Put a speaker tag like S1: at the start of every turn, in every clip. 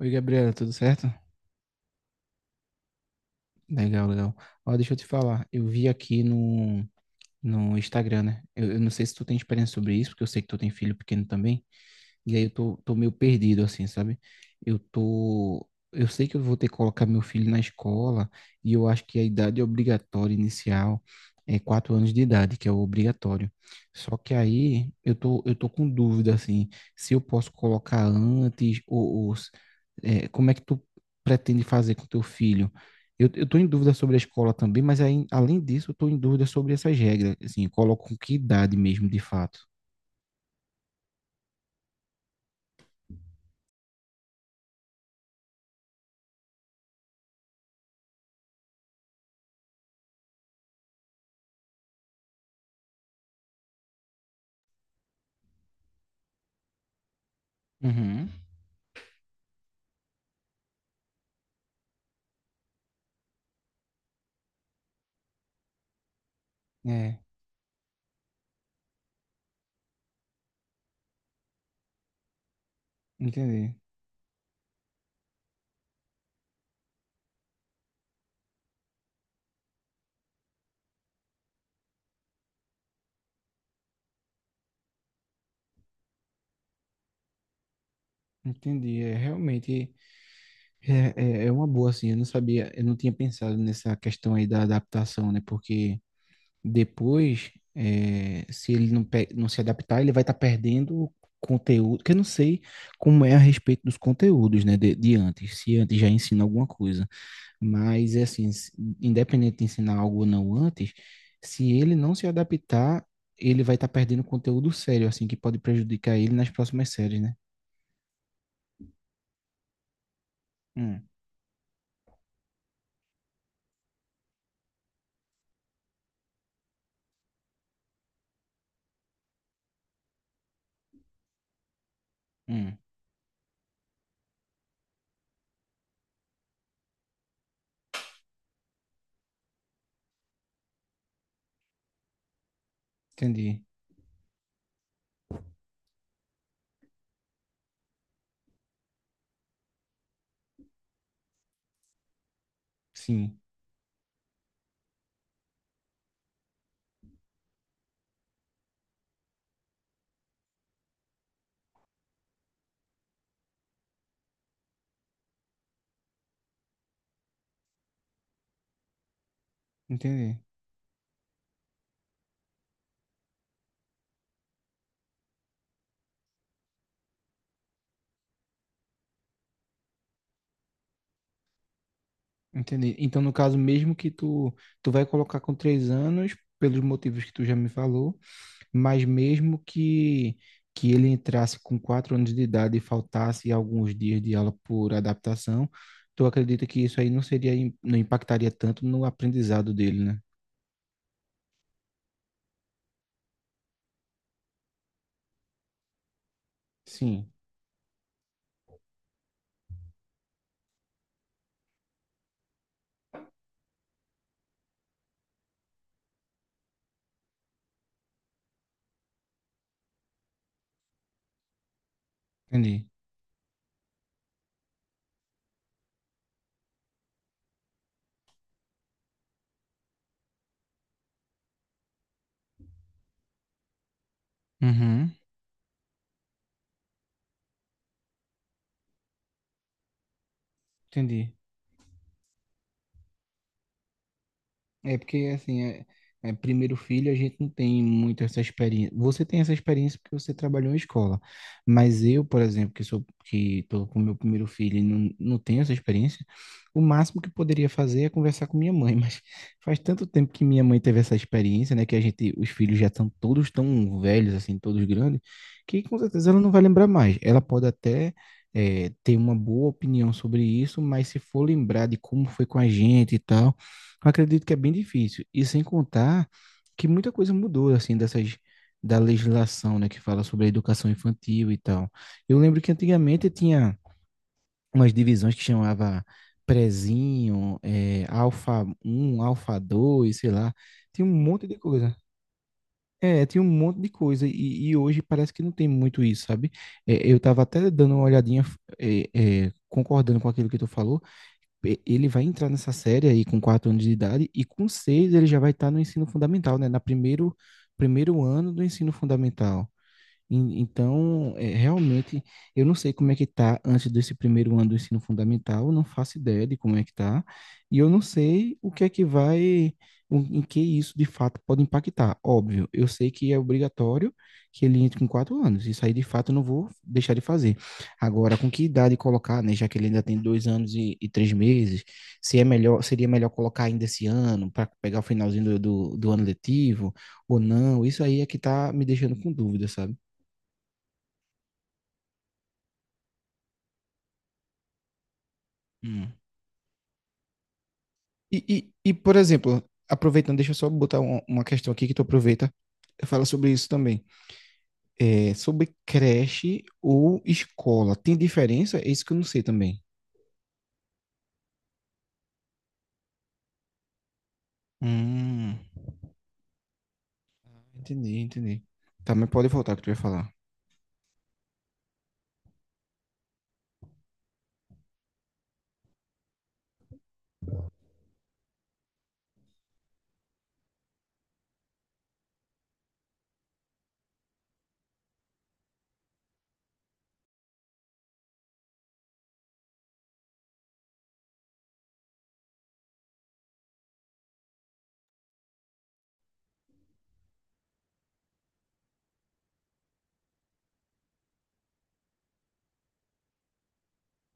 S1: Oi, Gabriela, tudo certo? Legal, legal. Ó, deixa eu te falar, eu vi aqui no Instagram, né? Eu não sei se tu tem experiência sobre isso, porque eu sei que tu tem filho pequeno também. E aí eu tô meio perdido, assim, sabe? Eu tô. Eu sei que eu vou ter que colocar meu filho na escola, e eu acho que a idade obrigatória inicial é 4 anos de idade, que é o obrigatório. Só que aí eu tô com dúvida, assim, se eu posso colocar antes, ou se- é, como é que tu pretende fazer com teu filho? Eu tô em dúvida sobre a escola também, mas aí, além disso, eu tô em dúvida sobre essas regras, assim, eu coloco com que idade mesmo, de fato. Uhum. É, entendi. Entendi, é realmente, é, é uma boa assim. Eu não sabia, eu não tinha pensado nessa questão aí da adaptação, né? Porque depois, se ele não, não se adaptar, ele vai estar perdendo conteúdo. Que eu não sei como é a respeito dos conteúdos, né? De antes, se antes já ensina alguma coisa, mas é assim, independente de ensinar algo ou não antes, se ele não se adaptar, ele vai estar perdendo conteúdo sério, assim, que pode prejudicar ele nas próximas séries, né? Hum, hum, entendi. Sim, entendi. Entendi. Então, no caso, mesmo que tu vai colocar com 3 anos, pelos motivos que tu já me falou, mas mesmo que ele entrasse com 4 anos de idade e faltasse alguns dias de aula por adaptação, tu acredita que isso aí não seria, não impactaria tanto no aprendizado dele, né? Sim, entendi. Uhum, entendi. É porque, assim, é primeiro filho, a gente não tem muito essa experiência. Você tem essa experiência porque você trabalhou em escola. Mas eu, por exemplo, que sou que estou com meu primeiro filho e não tenho essa experiência, o máximo que poderia fazer é conversar com minha mãe. Mas faz tanto tempo que minha mãe teve essa experiência, né? Que a gente, os filhos já estão todos tão velhos, assim, todos grandes, que com certeza ela não vai lembrar mais. Ela pode até ter uma boa opinião sobre isso, mas se for lembrar de como foi com a gente e tal. Acredito que é bem difícil. E sem contar que muita coisa mudou, assim, dessas da legislação, né, que fala sobre a educação infantil e tal. Eu lembro que antigamente tinha umas divisões que chamava prezinho, alfa um, alfa 2, sei lá. Tinha um monte de coisa. É, tinha um monte de coisa. E hoje parece que não tem muito isso, sabe? É, eu tava até dando uma olhadinha, concordando com aquilo que tu falou. Ele vai entrar nessa série aí com 4 anos de idade e com seis ele já vai estar no ensino fundamental, né? Primeiro ano do ensino fundamental. Então, realmente, eu não sei como é que tá antes desse primeiro ano do ensino fundamental. Eu não faço ideia de como é que tá, e eu não sei o que é que vai, em que isso de fato pode impactar. Óbvio, eu sei que é obrigatório que ele entre com 4 anos, isso aí de fato eu não vou deixar de fazer. Agora, com que idade colocar, né, já que ele ainda tem 2 anos e 3 meses, se é melhor, seria melhor colocar ainda esse ano, para pegar o finalzinho do, do ano letivo, ou não, isso aí é que tá me deixando com dúvida, sabe? Hum. Por exemplo, aproveitando, deixa eu só botar uma questão aqui que tu aproveita. Fala sobre isso também. É, sobre creche ou escola. Tem diferença? É isso que eu não sei também. Hum. Entendi, entendi. Tá, mas pode voltar que tu ia falar.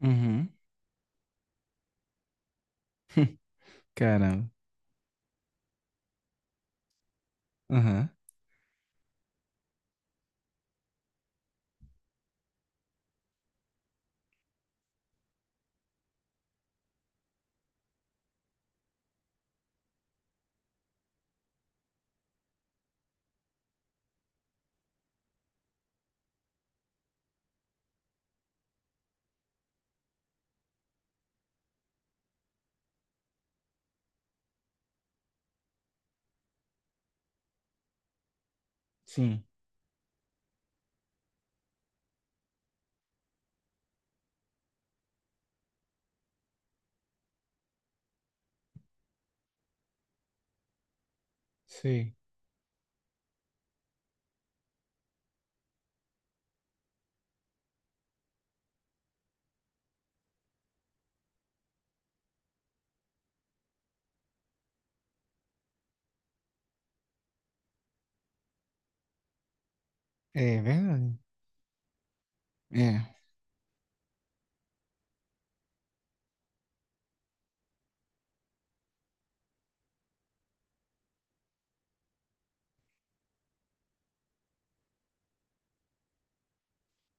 S1: Uhum. Caramba. Aham. Sim, sei. É verdade. É.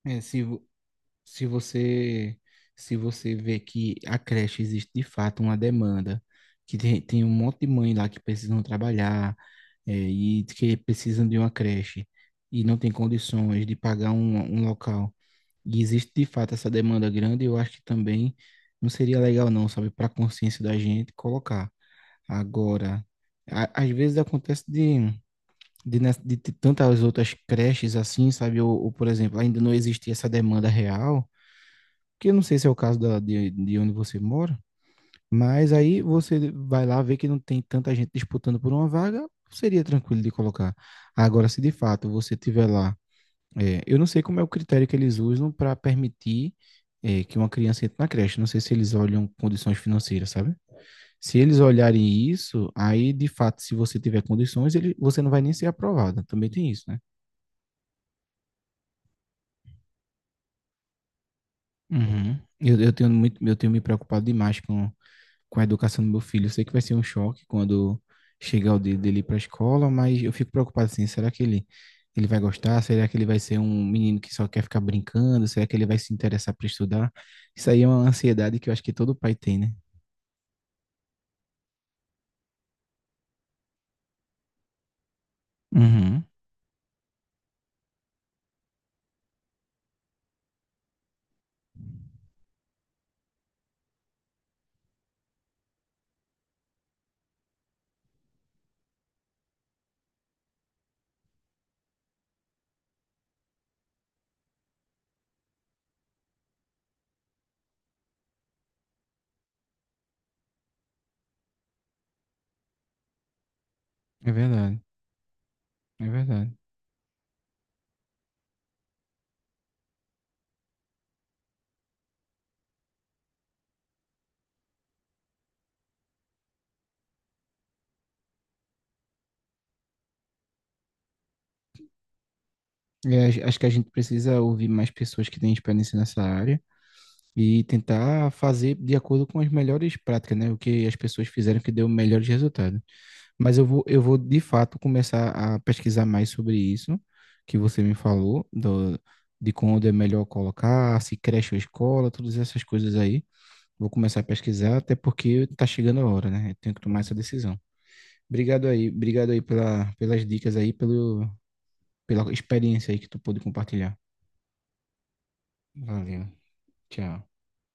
S1: É, se, Se você, se você vê que a creche existe de fato uma demanda, que tem um monte de mãe lá que precisam trabalhar, e que precisam de uma creche, e não tem condições de pagar um local, e existe de fato essa demanda grande, eu acho que também não seria legal não, sabe, para a consciência da gente colocar. Agora, às vezes acontece de ter tantas outras creches assim, sabe? Por exemplo, ainda não existia essa demanda real, que eu não sei se é o caso de onde você mora, mas aí você vai lá ver que não tem tanta gente disputando por uma vaga, seria tranquilo de colocar. Agora, se de fato você tiver lá, eu não sei como é o critério que eles usam para permitir, que uma criança entre na creche, não sei se eles olham condições financeiras, sabe? Se eles olharem isso, aí de fato, se você tiver condições, ele, você não vai nem ser aprovada, também tem isso, né? Uhum. Eu tenho me preocupado demais com a educação do meu filho. Eu sei que vai ser um choque quando chegar o dia dele para a escola, mas eu fico preocupado assim, será que ele vai gostar? Será que ele vai ser um menino que só quer ficar brincando? Será que ele vai se interessar para estudar? Isso aí é uma ansiedade que eu acho que todo pai tem, né? Uhum. É verdade, é verdade. É, acho que a gente precisa ouvir mais pessoas que têm experiência nessa área e tentar fazer de acordo com as melhores práticas, né? O que as pessoas fizeram que deu melhores resultados. Mas eu vou de fato começar a pesquisar mais sobre isso que você me falou, do, de quando é melhor colocar, se creche ou escola, todas essas coisas aí. Vou começar a pesquisar, até porque tá chegando a hora, né? Eu tenho que tomar essa decisão. Obrigado aí pelas dicas aí, pela experiência aí que tu pôde compartilhar. Valeu, tchau.